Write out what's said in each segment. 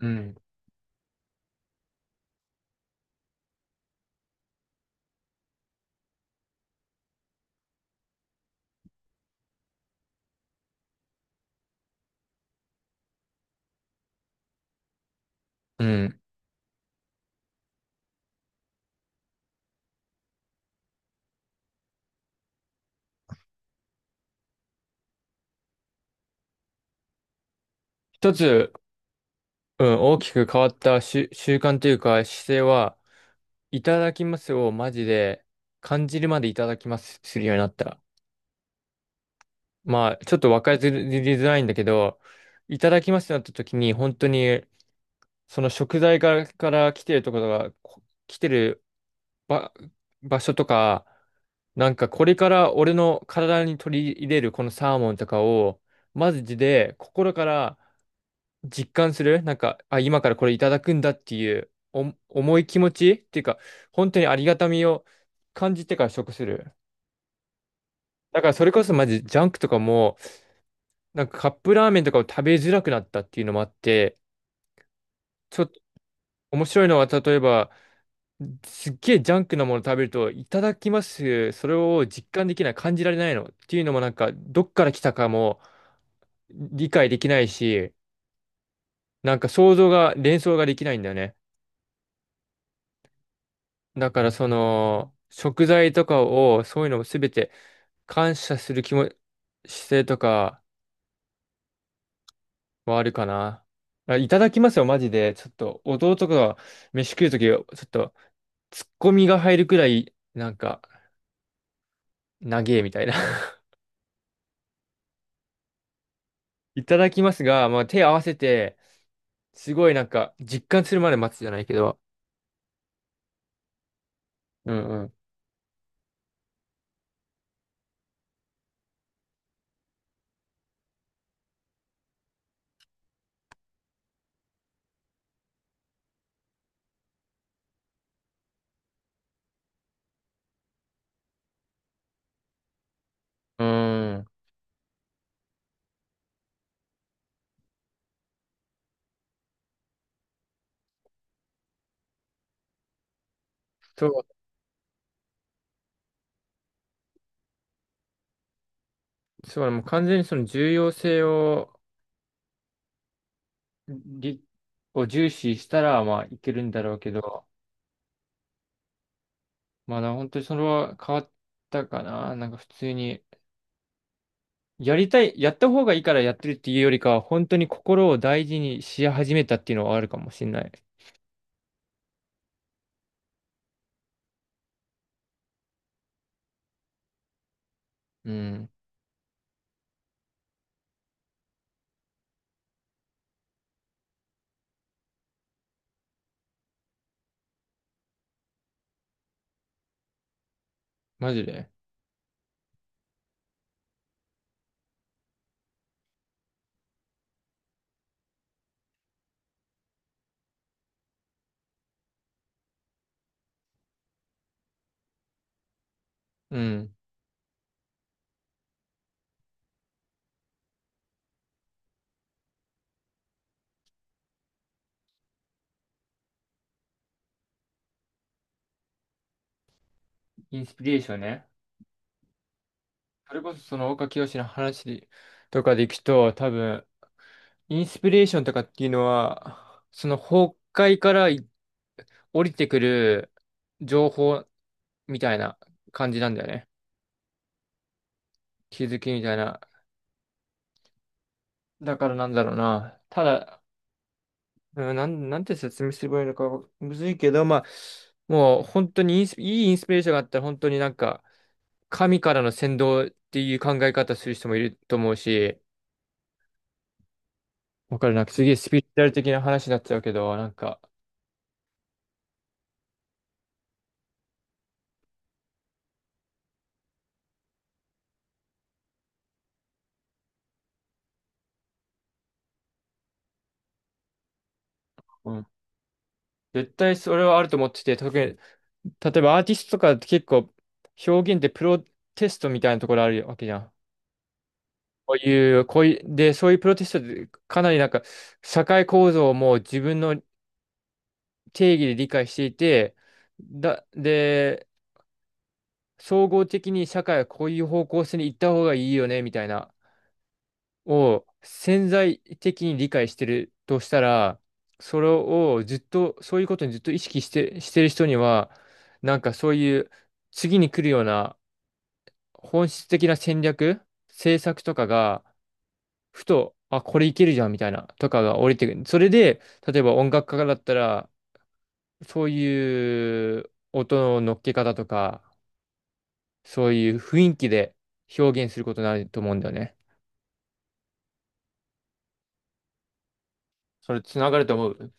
うん。うん。一つ、うん、大きく変わった習慣というか姿勢は、いただきますをマジで感じるまでいただきますするようになった。まあ、ちょっとわかりづらいんだけど、いただきますってなった時に、本当に、その食材から来てるところが、来てる場、場所とか、なんかこれから俺の体に取り入れるこのサーモンとかを、マジで心から実感するなんか、あ、今からこれいただくんだっていうお重い気持ちっていうか、本当にありがたみを感じてから食する。だからそれこそマジジャンクとかも、なんかカップラーメンとかを食べづらくなったっていうのもあって、ちょっと面白いのは例えば、すっげえジャンクなもの食べると、いただきます、それを実感できない、感じられないのっていうのもなんか、どっから来たかも理解できないし、なんか想像が、連想ができないんだよね。だからその、食材とかを、そういうのもすべて感謝する気も、姿勢とかはあるかな。あいただきますよ、マジで。ちょっと、弟が飯食うとき、ちょっと、ツッコミが入るくらい、なんか、長えみたいな。いただきますが、まあ、手合わせて、すごいなんか、実感するまで待つじゃないけど。うんうん。うーん。そう、そう、もう完全にその重要性を、りを重視したら、まあ、いけるんだろうけど。まあだから本当にそれは変わったかな。なんか普通に、やりたい、やった方がいいからやってるっていうよりかは、本当に心を大事にし始めたっていうのはあるかもしれない。うん。マジで。うん。インスピレーションね。それこそその岡清の話とかでいくと、多分、インスピレーションとかっていうのは、その崩壊から降りてくる情報みたいな感じなんだよね。気づきみたいな。だからなんだろうな。ただ、なんて説明すればいいのかむずいけど、まあ、もう本当にインスいいインスピレーションがあったら本当になんか神からの先導っていう考え方する人もいると思うし、わかるなんかすげえスピリチュアル的な話になっちゃうけど、なんか、うん、絶対それはあると思ってて、特に、例えばアーティストとかって結構表現ってプロテストみたいなところあるわけじゃん。こういう、こういう、で、そういうプロテストでかなりなんか社会構造をもう自分の定義で理解していて、だ、で、総合的に社会はこういう方向性に行った方がいいよね、みたいな、を潜在的に理解してるとしたら、それをずっと、そういうことにずっと意識して、してる人には、なんかそういう次に来るような本質的な戦略、政策とかが、ふと、あ、これいけるじゃんみたいな、とかが降りてくる。それで、例えば音楽家だったら、そういう音の乗っけ方とか、そういう雰囲気で表現することになると思うんだよね。それつながると思う。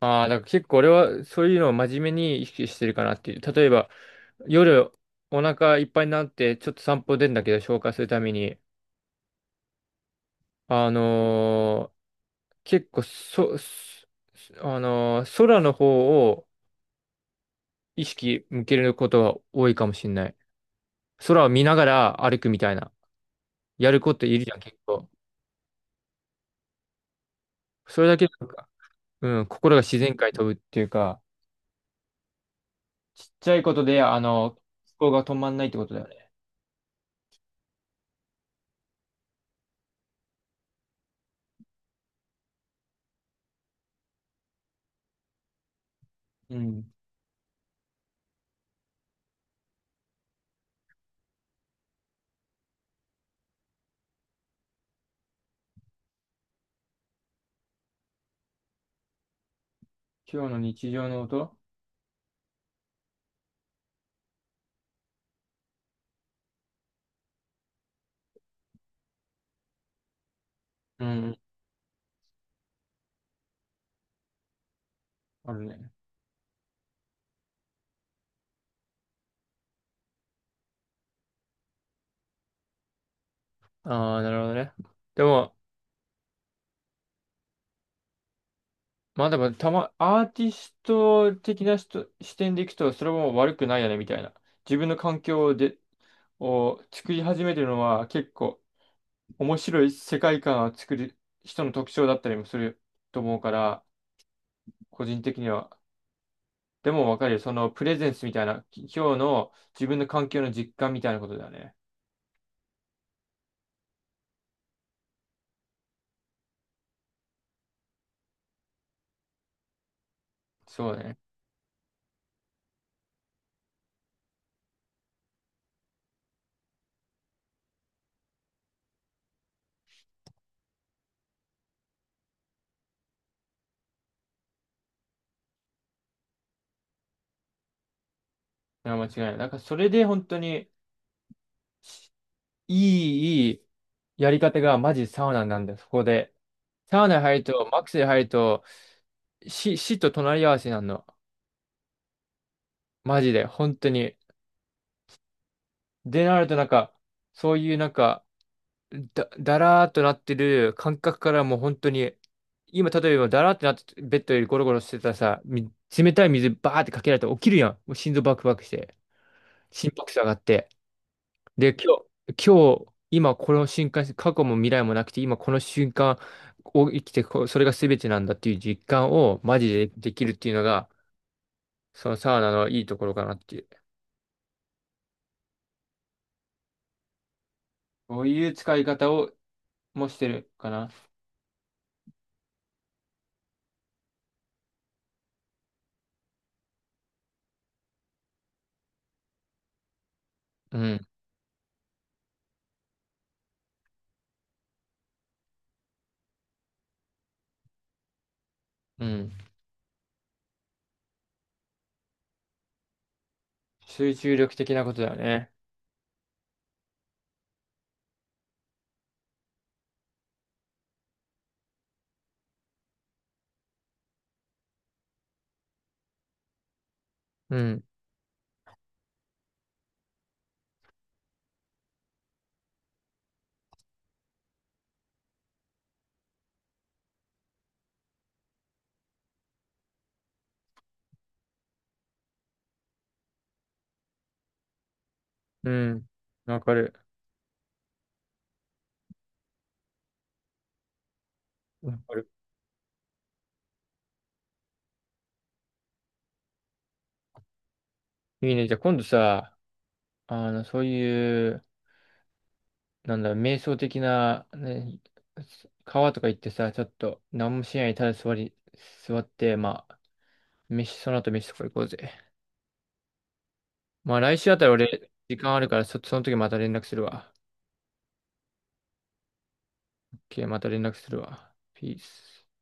ああ、だから結構俺はそういうのを真面目に意識してるかなっていう。例えば、夜お腹いっぱいになってちょっと散歩出るんだけど消化するために、あのー結構そ、そあのー空の方を意識向けることが多いかもしれない。空を見ながら歩くみたいな。やることいるじゃん、結構。それだけなんか、うん、心が自然界に飛ぶっていうか、ちっちゃいことで、思考が止まんないってことだよね。うん。今日の日常の音うん。あるね。ああ、なるほどね。でも、まあでも、アーティスト的な人視点でいくと、それも悪くないよね、みたいな。自分の環境で、を作り始めてるのは結構面白い世界観を作る人の特徴だったりもすると思うから、個人的には。でもわかるよ。そのプレゼンスみたいな、今日の自分の環境の実感みたいなことだよね。そうね。いや、間違いない。だからそれで本当にいいいやり方がマジサウナなんだよ、そこで。サウナ入ると、マックスで入ると、死と隣り合わせになるの。マジで、本当に。で、なるとなんか、そういうなんか、だらーっとなってる感覚からもう本当に、今例えばだらーってなって、ベッドよりゴロゴロしてたらさ、冷たい水バーってかけられたら起きるやん。もう心臓バクバクして、心拍数上がって。で、今日、今この瞬間、過去も未来もなくて、今この瞬間を生きてこう、それが全てなんだっていう実感をマジでできるっていうのが、そのサウナのいいところかなっていう。こういう使い方をもしてるかな。うん、うん。集中力的なことだよね。うん、うん。わかる。わかる。いいね。じゃあ今度さ、あの、そういう、なんだろう、瞑想的な、ね、川とか行ってさ、ちょっと何もしないでただ座って、まあ、その後飯とか行こうぜ。まあ来週あたり俺、時間あるから、その時また連絡するわ。OK、また連絡するわ。ピース。